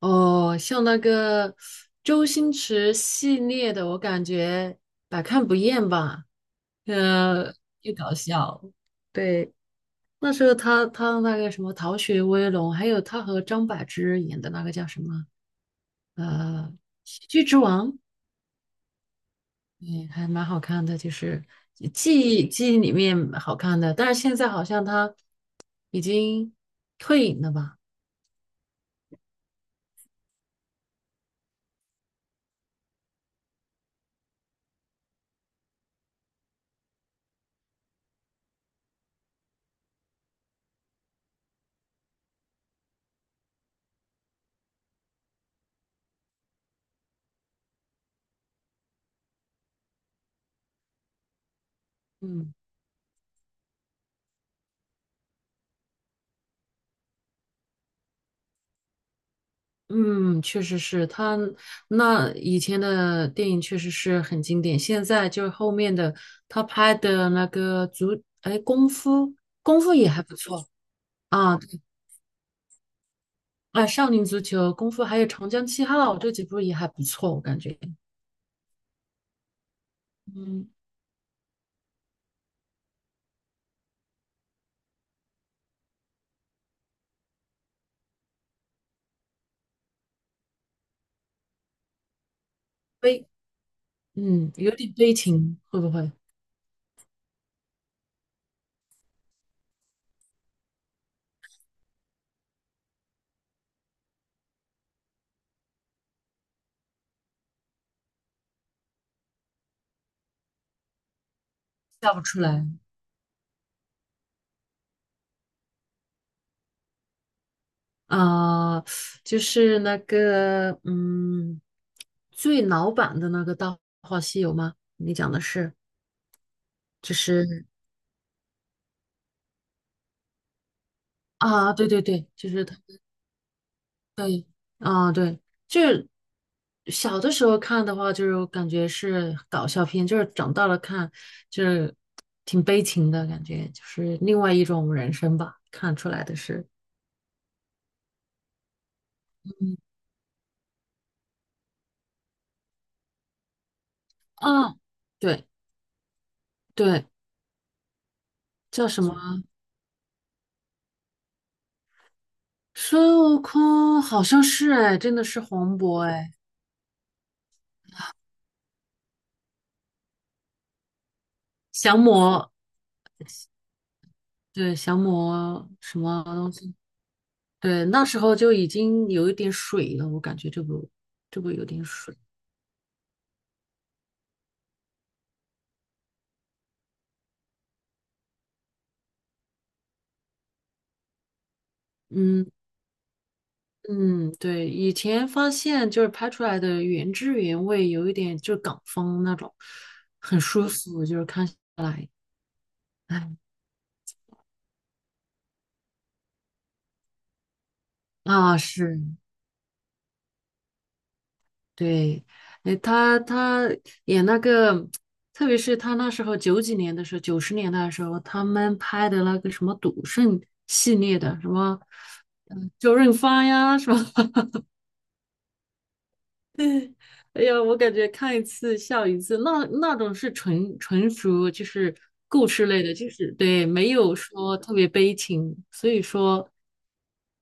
哦，像那个周星驰系列的，我感觉百看不厌吧。呃，又搞笑。对，那时候他那个什么《逃学威龙》，还有他和张柏芝演的那个叫什么呃《喜剧之王》，嗯，还蛮好看的，就是记忆里面好看的。但是现在好像他已经退隐了吧？嗯。嗯，确实是他那以前的电影确实是很经典，现在就是后面的他拍的那个足，哎，功夫，功夫也还不错啊，对啊，少林足球、功夫还有长江七号这几部也还不错，我感觉，嗯，悲，嗯，有点悲情，会不会笑不出来啊？就是那个，嗯，最老版的那个《大话西游》吗？你讲的是，就是。啊，对对对，就是他，对，啊，对，就是小的时候看的话，就是感觉是搞笑片，就是长大了看，就是挺悲情的感觉，就是另外一种人生吧，看出来的是，嗯，啊，对对，叫什么？孙悟空好像是哎，真的是黄渤哎，降魔，对，降魔什么东西？对，那时候就已经有一点水了，我感觉这部有点水。嗯嗯，对，以前发现就是拍出来的原汁原味，有一点就是港风那种，很舒服，就是看下来，哎，啊是，对，哎，他演那个，特别是他那时候九几年的时候，九十年代的时候，他们拍的那个什么赌圣系列的，什么，嗯，周润发呀，什么 哎呀，我感觉看一次笑一次，那那种是纯属就是故事类的，就是对，没有说特别悲情，所以说，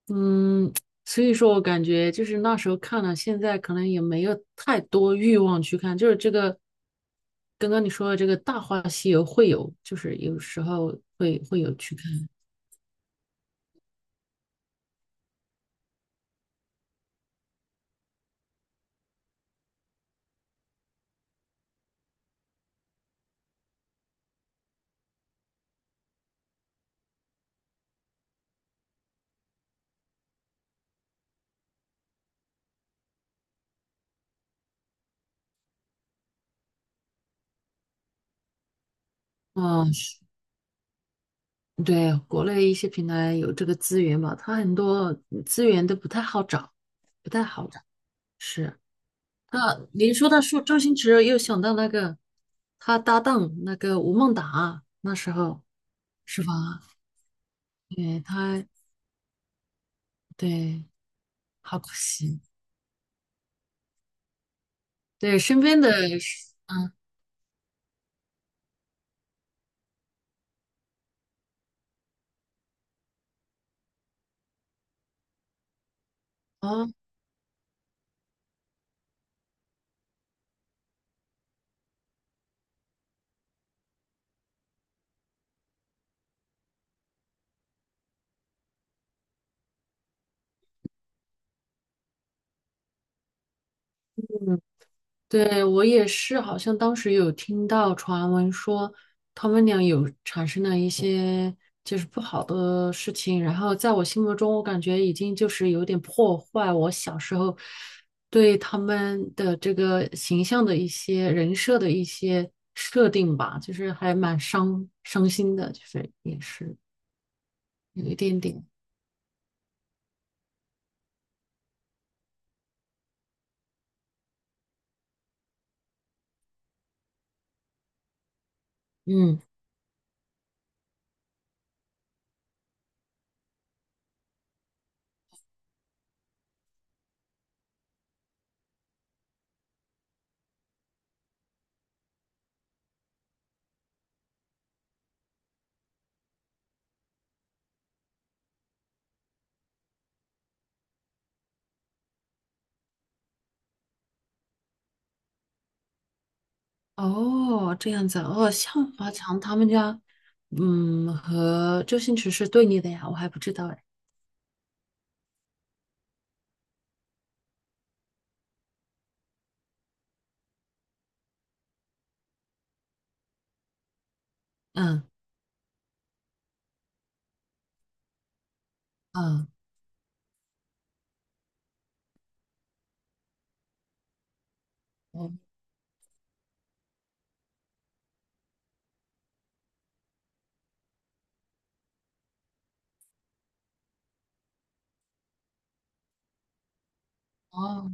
嗯，所以说我感觉就是那时候看了，现在可能也没有太多欲望去看，就是这个刚刚你说的这个《大话西游》会有，就是有时候会有去看啊，对，国内一些平台有这个资源嘛，它很多资源都不太好找，不太好找。是，那您说到说周星驰，又想到那个他搭档那个吴孟达，那时候是吧？对，他对，好可惜。对，身边的是嗯，哦，嗯对，我也是，好像当时有听到传闻说他们俩有产生了一些就是不好的事情，然后在我心目中，我感觉已经就是有点破坏我小时候对他们的这个形象的一些人设的一些设定吧，就是还蛮伤心的，就是也是有一点点，嗯。哦，这样子哦，向华强他们家，嗯，和周星驰是对立的呀，我还不知道哎。嗯嗯，哦哦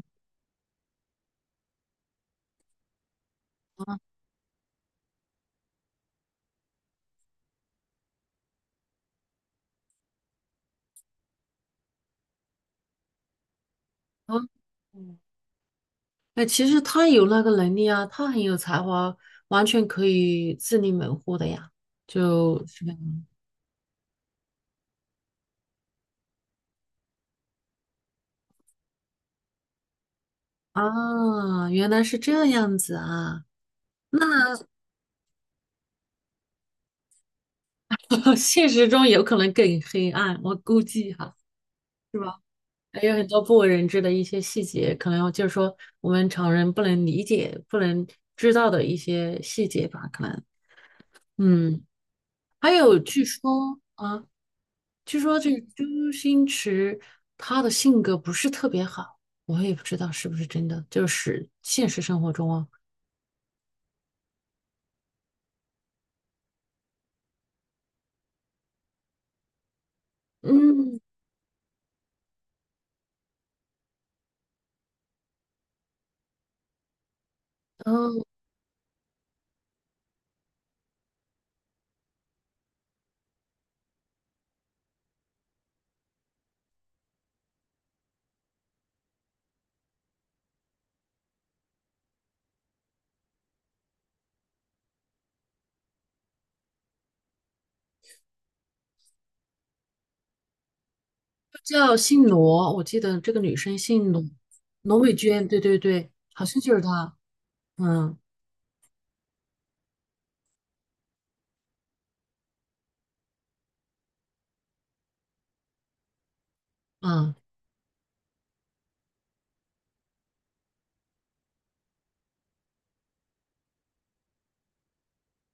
哦，嗯，哎，其实他有那个能力啊，他很有才华，完全可以自立门户的呀。就是吧啊，原来是这样子啊，那 现实中有可能更黑暗，我估计哈。是吧？还有很多不为人知的一些细节，可能就是说我们常人不能理解、不能知道的一些细节吧，可能。嗯，还有据说啊，据说这个周星驰他的性格不是特别好，我也不知道是不是真的，就是现实生活中啊，嗯嗯，叫姓罗，我记得这个女生姓罗，罗美娟，对对对，好像就是她，嗯嗯，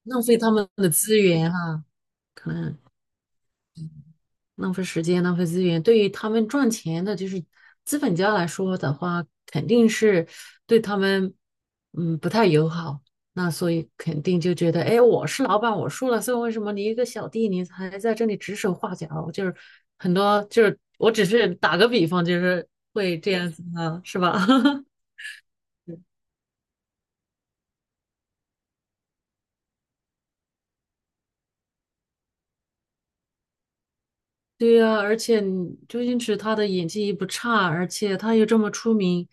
浪费他们的资源哈、可能。浪费时间、浪费资源，对于他们赚钱的，就是资本家来说的话，肯定是对他们，嗯，不太友好。那所以肯定就觉得，哎，我是老板，我输了，所以为什么你一个小弟，你还在这里指手画脚？就是很多，就是我只是打个比方，就是会这样子啊，是吧？对呀、而且你周星驰他的演技也不差，而且他又这么出名，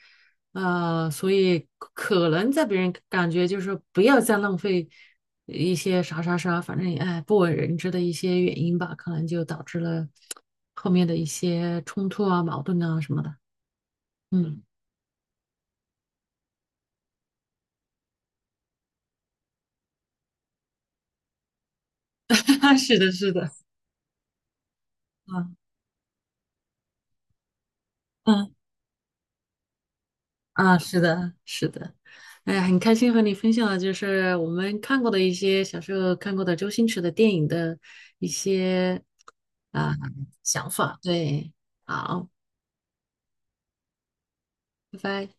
啊，所以可能在别人感觉就是不要再浪费一些啥啥啥，反正哎不为人知的一些原因吧，可能就导致了后面的一些冲突啊、矛盾啊什么的。嗯，是的，是的 啊嗯啊，是的，是的。哎呀，很开心和你分享了，就是我们看过的一些小时候看过的周星驰的电影的。一些。啊、想法。对，好，拜拜。